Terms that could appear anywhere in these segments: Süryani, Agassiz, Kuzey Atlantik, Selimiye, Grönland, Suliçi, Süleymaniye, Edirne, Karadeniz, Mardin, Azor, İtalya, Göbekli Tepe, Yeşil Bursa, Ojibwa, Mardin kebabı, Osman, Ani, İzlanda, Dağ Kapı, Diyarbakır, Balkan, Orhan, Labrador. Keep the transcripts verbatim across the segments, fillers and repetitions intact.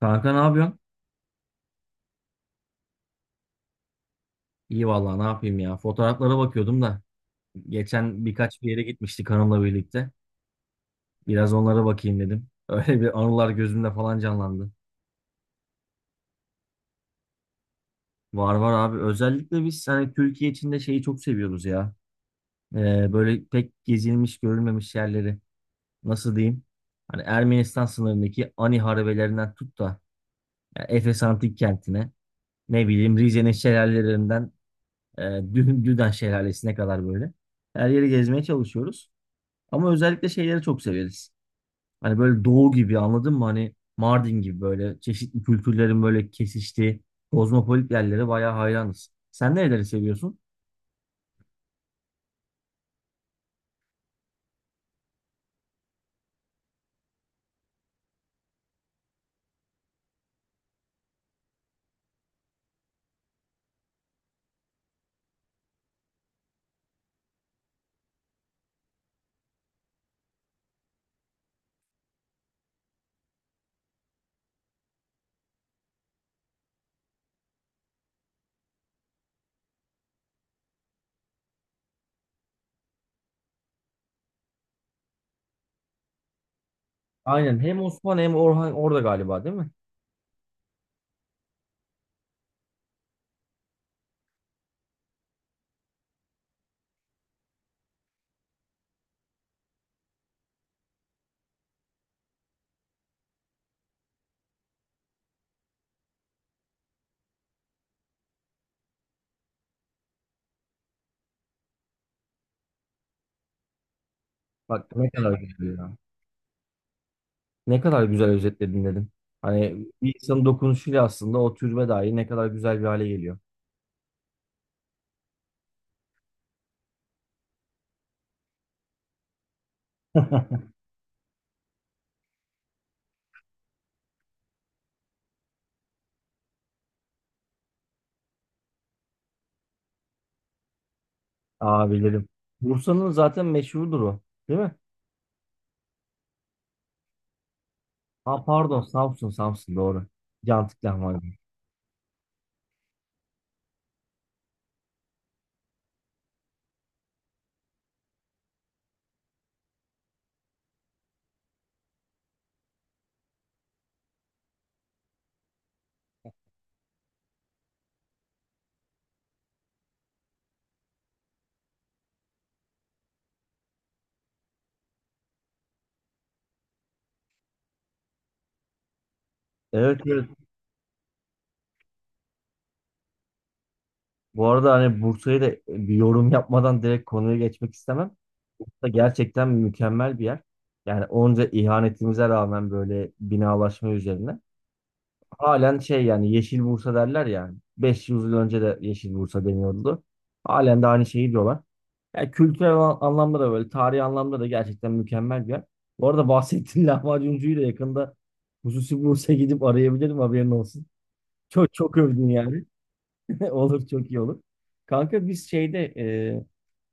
Kanka ne yapıyorsun? İyi vallahi ne yapayım ya. Fotoğraflara bakıyordum da. Geçen birkaç bir yere gitmiştik hanımla birlikte. Biraz onlara bakayım dedim. Öyle bir anılar gözümde falan canlandı. Var var abi. Özellikle biz hani Türkiye içinde şeyi çok seviyoruz ya. Ee, böyle pek gezilmiş görülmemiş yerleri. Nasıl diyeyim? Hani Ermenistan sınırındaki Ani harabelerinden tut da yani Efes Antik Kenti'ne ne bileyim Rize'nin şelalelerinden e, Dü- Düden Şelalesi'ne kadar böyle. Her yeri gezmeye çalışıyoruz. Ama özellikle şeyleri çok severiz. Hani böyle doğu gibi anladın mı? Hani Mardin gibi böyle çeşitli kültürlerin böyle kesiştiği kozmopolit yerlere bayağı hayranız. Sen nereleri seviyorsun? Aynen hem Osman hem Orhan orada galiba değil mi? Bak ne kadar güzel ya. Ne kadar güzel özetledin dedim. Hani bir insanın dokunuşuyla aslında o türbe dahi ne kadar güzel bir hale geliyor. Abilerim. Bursa'nın zaten meşhurdur o. Değil mi? Ha pardon Samsun Samsun doğru. Cantık lahmacun. Evet evet. Bu arada hani Bursa'yı da bir yorum yapmadan direkt konuya geçmek istemem. Bursa gerçekten mükemmel bir yer. Yani onca ihanetimize rağmen böyle binalaşma üzerine. Halen şey yani Yeşil Bursa derler yani. beş yüz yıl önce de Yeşil Bursa deniyordu. Halen de aynı şeyi diyorlar. Yani kültürel an- anlamda da böyle, tarihi anlamda da gerçekten mükemmel bir yer. Bu arada bahsettiğin lahmacuncuyu da yakında hususi Bursa'ya gidip arayabilirim haberin olsun. Çok çok övdün yani. Olur çok iyi olur. Kanka biz şeyde e,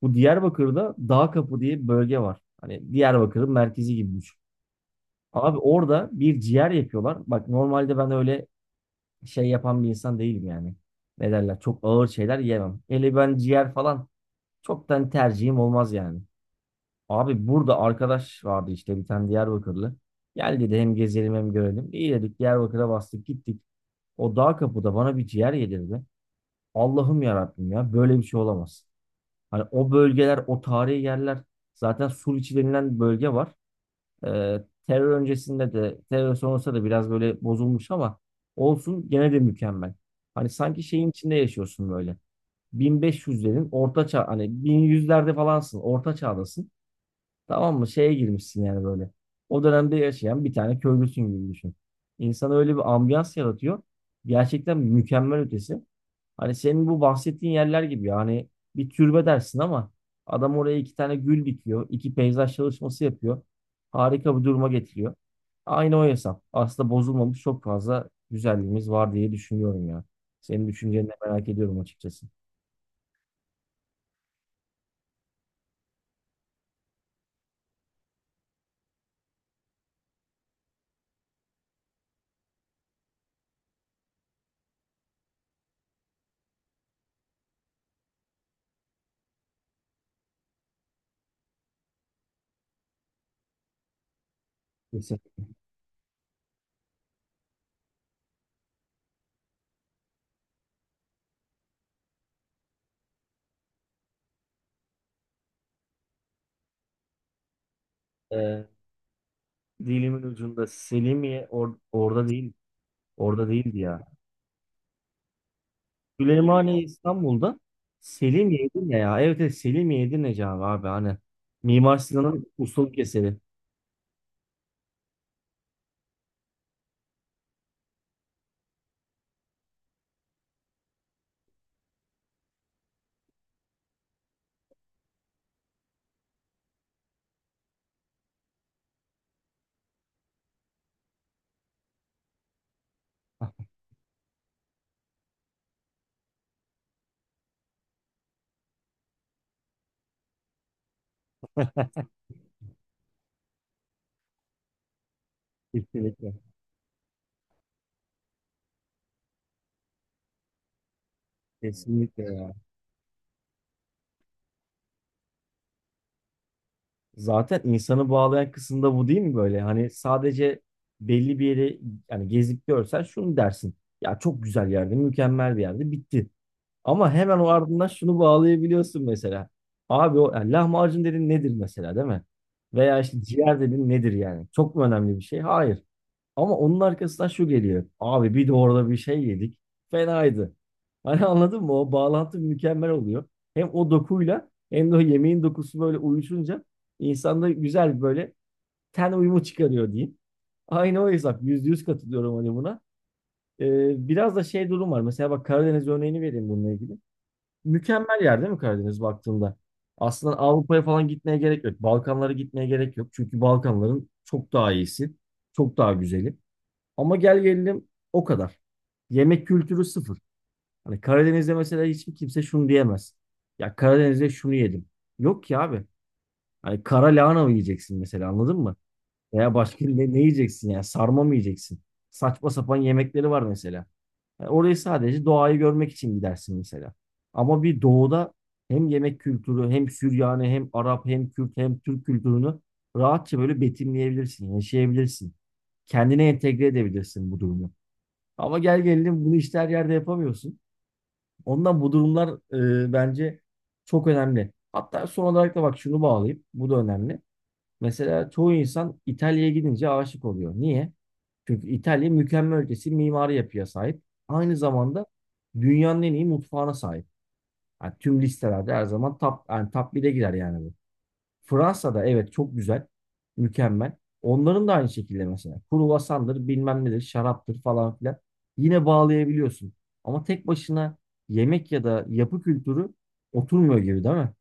bu Diyarbakır'da Dağ Kapı diye bir bölge var. Hani Diyarbakır'ın merkezi gibi düşün. Abi orada bir ciğer yapıyorlar. Bak normalde ben öyle şey yapan bir insan değilim yani. Ne derler? Çok ağır şeyler yemem. Hele ben ciğer falan çoktan tercihim olmaz yani. Abi burada arkadaş vardı işte bir tane Diyarbakırlı. Gel dedi hem gezelim hem görelim. İyi dedik Diyarbakır'a bastık gittik. O Dağ Kapı'da bana bir ciğer yedirdi. Allah'ım yarabbim ya böyle bir şey olamaz. Hani o bölgeler, o tarihi yerler zaten Suliçi denilen bölge var. Ee, terör öncesinde de, terör sonrasında da biraz böyle bozulmuş ama olsun gene de mükemmel. Hani sanki şeyin içinde yaşıyorsun böyle. bin beş yüzlerin orta çağ, hani bin yüzlerde falansın, orta çağdasın. Tamam mı? Şeye girmişsin yani böyle. O dönemde yaşayan bir tane köylüsün gibi düşün. İnsan öyle bir ambiyans yaratıyor. Gerçekten mükemmel ötesi. Hani senin bu bahsettiğin yerler gibi ya. Hani bir türbe dersin ama adam oraya iki tane gül dikiyor. İki peyzaj çalışması yapıyor. Harika bir duruma getiriyor. Aynı o hesap. Aslında bozulmamış çok fazla güzelliğimiz var diye düşünüyorum ya. Senin düşünceni de merak ediyorum açıkçası. Kesinlikle. Dilimin ucunda Selimiye or- orada değil. Orada değildi ya. Süleymaniye İstanbul'da, Selimiye Edirne ya. Evet evet, Selimiye Edirne abi abi hani. Mimar Sinan'ın ustalık eseri. Kesinlikle. Kesinlikle ya. Zaten insanı bağlayan kısım da bu değil mi böyle? Hani sadece belli bir yere yani gezip görsen şunu dersin. Ya çok güzel yerde, mükemmel bir yerde bitti. Ama hemen o ardından şunu bağlayabiliyorsun mesela. Abi o yani lahmacun dedin nedir mesela değil mi? Veya işte ciğer dedin nedir yani? Çok mu önemli bir şey? Hayır. Ama onun arkasından şu geliyor. Abi bir de orada bir şey yedik. Fenaydı. Hani anladın mı? O bağlantı mükemmel oluyor. Hem o dokuyla hem de o yemeğin dokusu böyle uyuşunca insanda güzel bir böyle ten uyumu çıkarıyor diyeyim. Aynı o hesap. Yüzde yüz katılıyorum hani buna. Ee, biraz da şey durum var. Mesela bak Karadeniz örneğini vereyim bununla ilgili. Mükemmel yer değil mi Karadeniz baktığında? Aslında Avrupa'ya falan gitmeye gerek yok. Balkanlara gitmeye gerek yok. Çünkü Balkanların çok daha iyisi. Çok daha güzeli. Ama gel gelelim o kadar. Yemek kültürü sıfır. Hani Karadeniz'de mesela hiçbir kimse şunu diyemez. Ya Karadeniz'de şunu yedim. Yok ki abi. Hani kara lahana mı yiyeceksin mesela anladın mı? Veya başka ne, ne yiyeceksin yani sarma mı yiyeceksin? Saçma sapan yemekleri var mesela. Yani orayı sadece doğayı görmek için gidersin mesela. Ama bir doğuda hem yemek kültürü hem Süryani hem Arap hem Kürt hem Türk kültürünü rahatça böyle betimleyebilirsin, yaşayabilirsin. Kendine entegre edebilirsin bu durumu. Ama gel gelelim bunu işte her yerde yapamıyorsun. Ondan bu durumlar e, bence çok önemli. Hatta son olarak da bak şunu bağlayayım. Bu da önemli. Mesela çoğu insan İtalya'ya gidince aşık oluyor. Niye? Çünkü İtalya mükemmel ötesi mimari yapıya sahip. Aynı zamanda dünyanın en iyi mutfağına sahip. Yani tüm listelerde her zaman top, yani top bire girer yani bu. Fransa'da evet çok güzel. Mükemmel. Onların da aynı şekilde mesela. Kruvasandır, bilmem nedir, şaraptır falan filan. Yine bağlayabiliyorsun. Ama tek başına yemek ya da yapı kültürü oturmuyor gibi değil mi?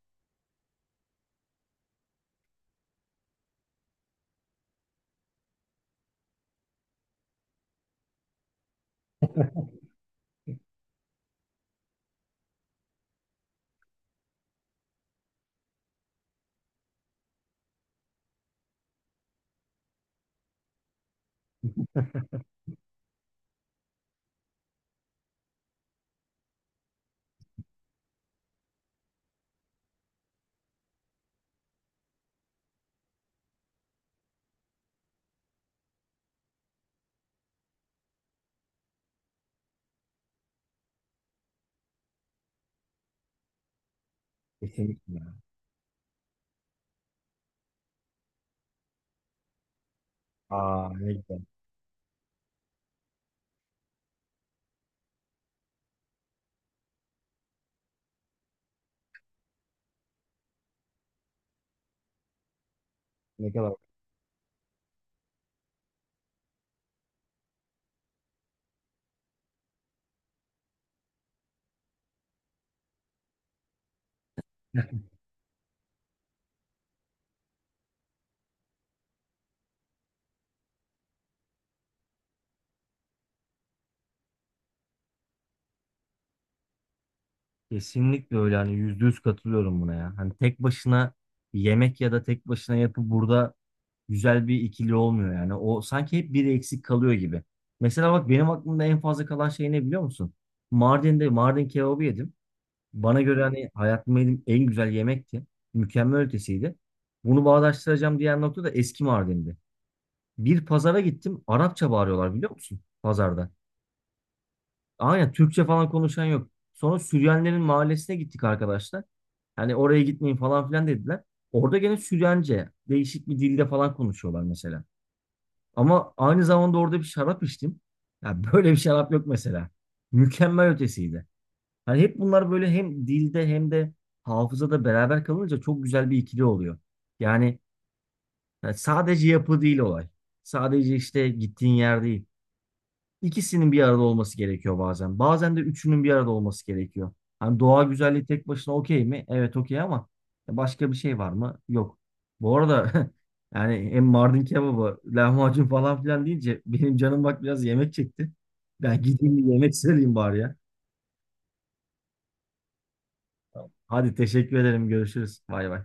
Kesinlikle. Aa ne güzel. Ne kadar. Kesinlikle öyle hani yüzde yüz katılıyorum buna ya. Hani tek başına yemek ya da tek başına yapı burada güzel bir ikili olmuyor yani. O sanki hep biri eksik kalıyor gibi. Mesela bak benim aklımda en fazla kalan şey ne biliyor musun? Mardin'de Mardin kebabı yedim. Bana göre hani hayatımda yediğim en güzel yemekti. Mükemmel ötesiydi. Bunu bağdaştıracağım diğer nokta da eski Mardin'di. Bir pazara gittim. Arapça bağırıyorlar biliyor musun? Pazarda. Aynen Türkçe falan konuşan yok. Sonra Süryanilerin mahallesine gittik arkadaşlar. Hani oraya gitmeyin falan filan dediler. Orada gene Süryanice değişik bir dilde falan konuşuyorlar mesela. Ama aynı zamanda orada bir şarap içtim. Ya böyle bir şarap yok mesela. Mükemmel ötesiydi. Hani hep bunlar böyle hem dilde hem de hafızada beraber kalınca çok güzel bir ikili oluyor. Yani, yani sadece yapı değil olay. Sadece işte gittiğin yer değil. İkisinin bir arada olması gerekiyor bazen. Bazen de üçünün bir arada olması gerekiyor. Hani doğa güzelliği tek başına okey mi? Evet okey ama başka bir şey var mı? Yok. Bu arada yani hem Mardin kebabı, lahmacun falan filan deyince benim canım bak biraz yemek çekti. Ben gideyim bir yemek söyleyeyim bari ya. Hadi teşekkür ederim. Görüşürüz. Bay bay.